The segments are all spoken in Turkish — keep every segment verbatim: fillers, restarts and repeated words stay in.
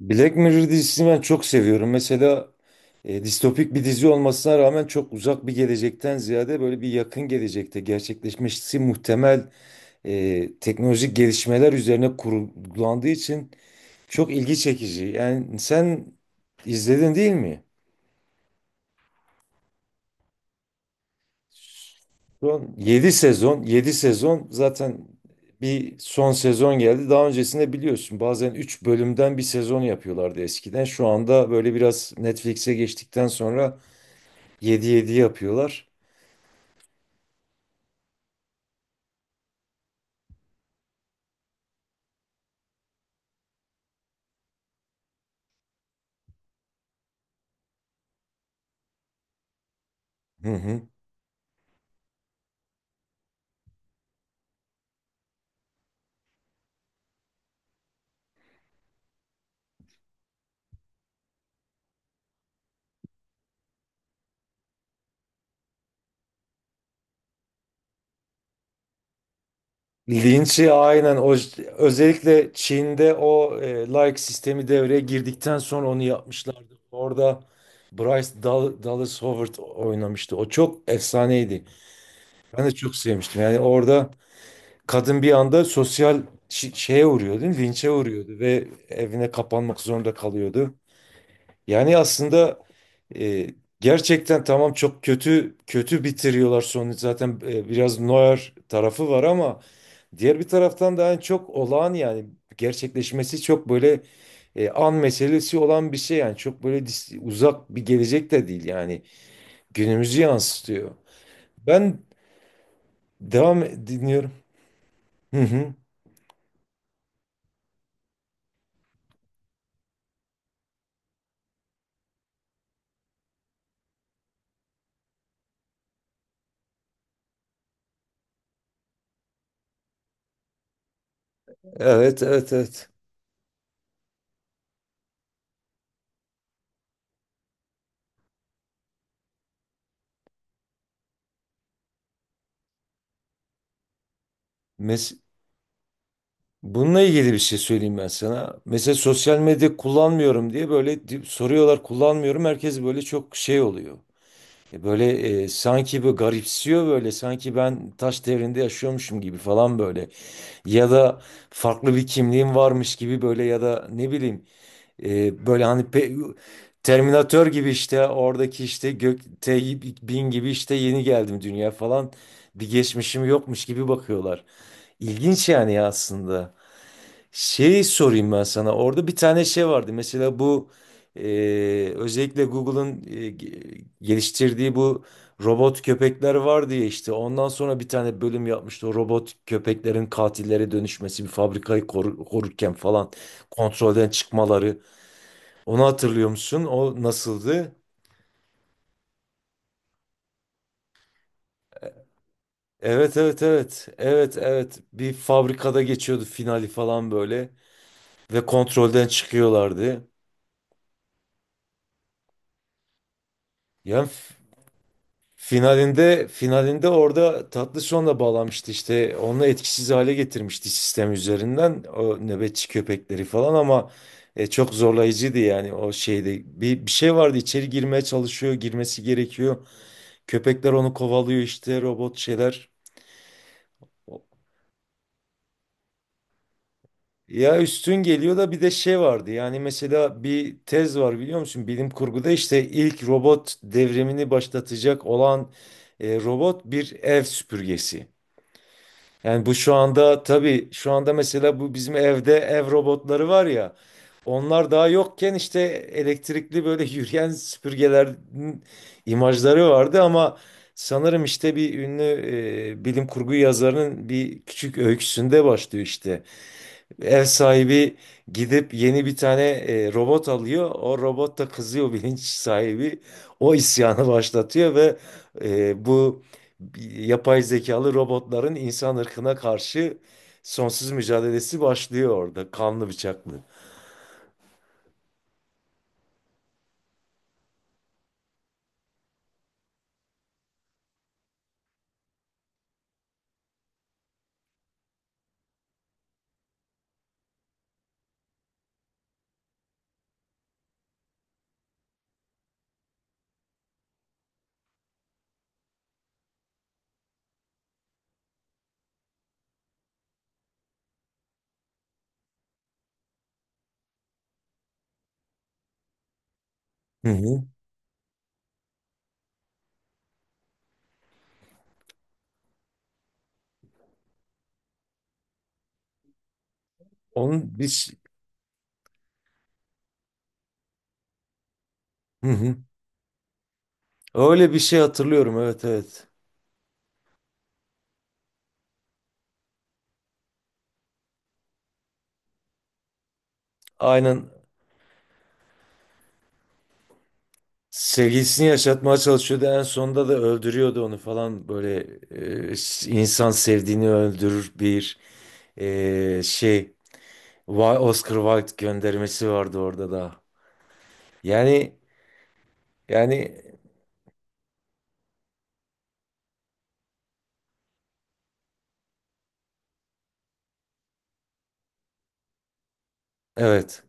Black Mirror dizisini ben çok seviyorum. Mesela e, distopik bir dizi olmasına rağmen çok uzak bir gelecekten ziyade böyle bir yakın gelecekte gerçekleşmesi muhtemel e, teknolojik gelişmeler üzerine kurgulandığı için çok ilgi çekici. Yani sen izledin değil mi? Son yedi sezon, yedi sezon zaten bir son sezon geldi. Daha öncesinde biliyorsun bazen üç bölümden bir sezon yapıyorlardı eskiden. Şu anda böyle biraz Netflix'e geçtikten sonra Yedi yedi yapıyorlar. Hı hı. Linç'i aynen o özellikle Çin'de o e, like sistemi devreye girdikten sonra onu yapmışlardı. Orada Bryce Dal- Dallas Howard oynamıştı. O çok efsaneydi. Ben de çok sevmiştim. Yani orada kadın bir anda sosyal şi- şeye uğruyordu, değil mi? linçe uğruyordu ve evine kapanmak zorunda kalıyordu. Yani aslında e, gerçekten tamam çok kötü kötü bitiriyorlar sonu zaten e, biraz Neuer tarafı var ama diğer bir taraftan da yani çok olağan yani gerçekleşmesi çok böyle e, an meselesi olan bir şey yani çok böyle dis- uzak bir gelecek de değil yani günümüzü yansıtıyor. Ben devam e, dinliyorum. Hı hı. Evet evet evet. Mes Bununla ilgili bir şey söyleyeyim ben sana. Mesela sosyal medya kullanmıyorum diye böyle di- soruyorlar kullanmıyorum. Herkes böyle çok şey oluyor. E, Böyle e, sanki bu garipsiyor böyle sanki ben taş devrinde yaşıyormuşum gibi falan böyle. Ya da farklı bir kimliğim varmış gibi böyle ya da ne bileyim e, böyle hani pe- Terminator gibi işte oradaki işte gökte bin gibi işte yeni geldim dünya falan bir geçmişim yokmuş gibi bakıyorlar. İlginç yani aslında. Şey sorayım ben sana. Orada bir tane şey vardı. Mesela bu e, özellikle Google'ın e, ge- geliştirdiği bu robot köpekler vardı ya işte. Ondan sonra bir tane bölüm yapmıştı. O robot köpeklerin katillere dönüşmesi, bir fabrikayı koru- korurken falan kontrolden çıkmaları. Onu hatırlıyor musun? O nasıldı? Evet evet evet. Evet evet. Bir fabrikada geçiyordu finali falan böyle ve kontrolden çıkıyorlardı. Yani Finalinde finalinde orada tatlı sonla bağlamıştı işte onu etkisiz hale getirmişti sistem üzerinden o nöbetçi köpekleri falan ama e, çok zorlayıcıydı yani o şeyde bir, bir şey vardı içeri girmeye çalışıyor girmesi gerekiyor köpekler onu kovalıyor işte robot şeyler ya üstün geliyor da bir de şey vardı yani mesela bir tez var biliyor musun bilim kurguda işte ilk robot devrimini başlatacak olan e, robot bir ev süpürgesi. Yani bu şu anda tabii şu anda mesela bu bizim evde ev robotları var ya. Onlar daha yokken işte elektrikli böyle yürüyen süpürgelerin imajları vardı ama sanırım işte bir ünlü e, bilim kurgu yazarının bir küçük öyküsünde başlıyor işte. Ev sahibi gidip yeni bir tane e, robot alıyor. O robot da kızıyor bilinç sahibi. O isyanı başlatıyor ve e, bu yapay zekalı robotların insan ırkına karşı sonsuz mücadelesi başlıyor orada. Kanlı bıçaklı. Hı hı. Onun bir ş-. Hı hı. Öyle bir şey hatırlıyorum. Evet evet. Aynen sevgilisini yaşatmaya çalışıyordu. En sonunda da öldürüyordu onu falan. Böyle e, insan sevdiğini öldürür bir e, şey. Wi- Oscar Wilde göndermesi vardı orada da. Yani yani evet.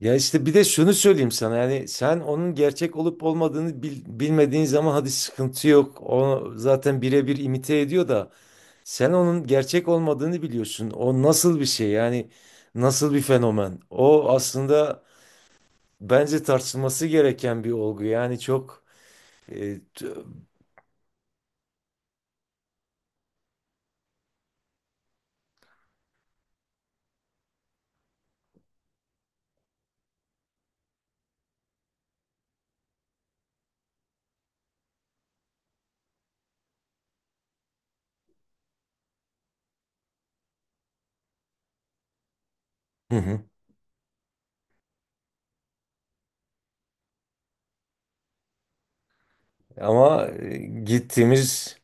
Ya işte bir de şunu söyleyeyim sana yani sen onun gerçek olup olmadığını bil- bilmediğin zaman hadi sıkıntı yok. O zaten birebir imite ediyor da sen onun gerçek olmadığını biliyorsun. O nasıl bir şey yani nasıl bir fenomen? O aslında bence tartışılması gereken bir olgu. Yani çok e, t- Hı hı. ama e, gittiğimiz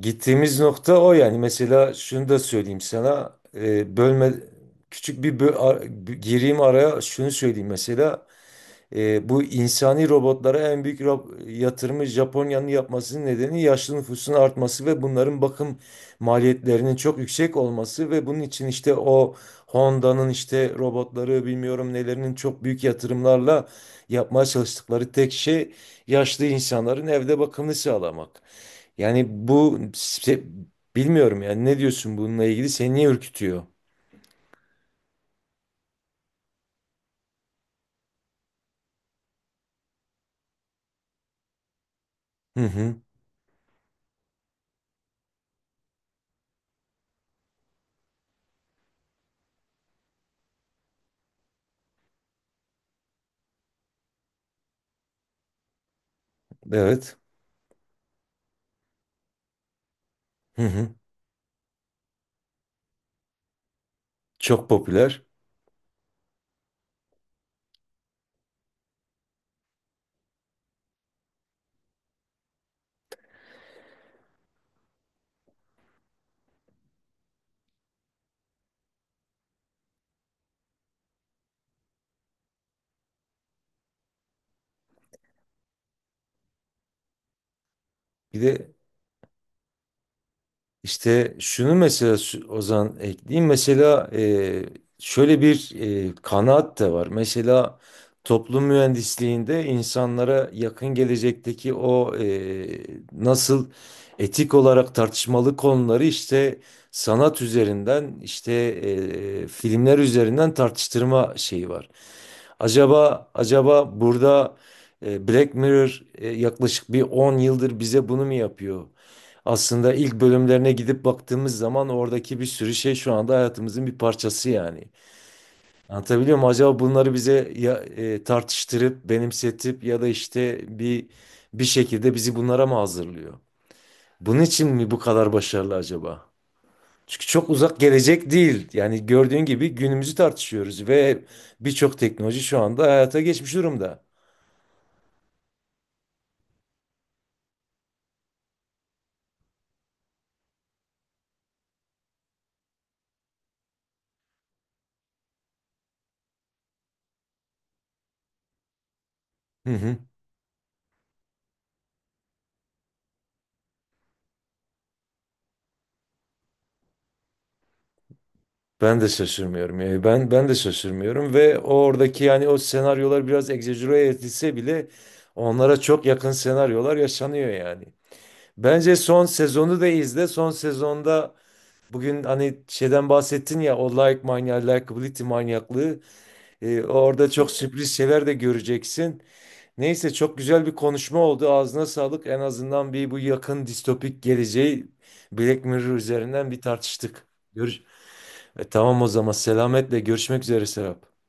gittiğimiz nokta o yani. Mesela şunu da söyleyeyim sana. E, bölme küçük bir bö- ar- gireyim araya şunu söyleyeyim mesela. E, bu insani robotlara en büyük ro- yatırımı Japonya'nın yapmasının nedeni yaşlı nüfusun artması ve bunların bakım maliyetlerinin çok yüksek olması ve bunun için işte o Honda'nın işte robotları bilmiyorum nelerinin çok büyük yatırımlarla yapmaya çalıştıkları tek şey yaşlı insanların evde bakımını sağlamak. Yani bu se- bilmiyorum yani ne diyorsun bununla ilgili seni niye ürkütüyor? Hı hı, evet. Hı hı. Çok popüler. Bir de İşte şunu mesela sü- Ozan ekleyeyim. Mesela e, şöyle bir e, kanaat da var. Mesela toplum mühendisliğinde insanlara yakın gelecekteki o e, nasıl etik olarak tartışmalı konuları işte sanat üzerinden işte e, filmler üzerinden tartıştırma şeyi var. Acaba acaba burada e, Black Mirror e, yaklaşık bir on yıldır bize bunu mu yapıyor? Aslında ilk bölümlerine gidip baktığımız zaman oradaki bir sürü şey şu anda hayatımızın bir parçası yani. Anlatabiliyor muyum? Acaba bunları bize ya, e, tartıştırıp, benimsetip ya da işte bir bir şekilde bizi bunlara mı hazırlıyor? Bunun için mi bu kadar başarılı acaba? Çünkü çok uzak gelecek değil. Yani gördüğün gibi günümüzü tartışıyoruz ve birçok teknoloji şu anda hayata geçmiş durumda. Hı hı. Ben de şaşırmıyorum. Yani ben ben de şaşırmıyorum ve oradaki yani o senaryolar biraz egzajere edilse bile onlara çok yakın senaryolar yaşanıyor yani. Bence son sezonu da izle. Son sezonda bugün hani şeyden bahsettin ya o like manyağı, likability manyaklığı. Ee, orada çok sürpriz şeyler de göreceksin. Neyse çok güzel bir konuşma oldu. Ağzına sağlık. En azından bir bu yakın distopik geleceği Black Mirror üzerinden bir tartıştık. Görüşürüz. E, tamam o zaman selametle görüşmek üzere Serap.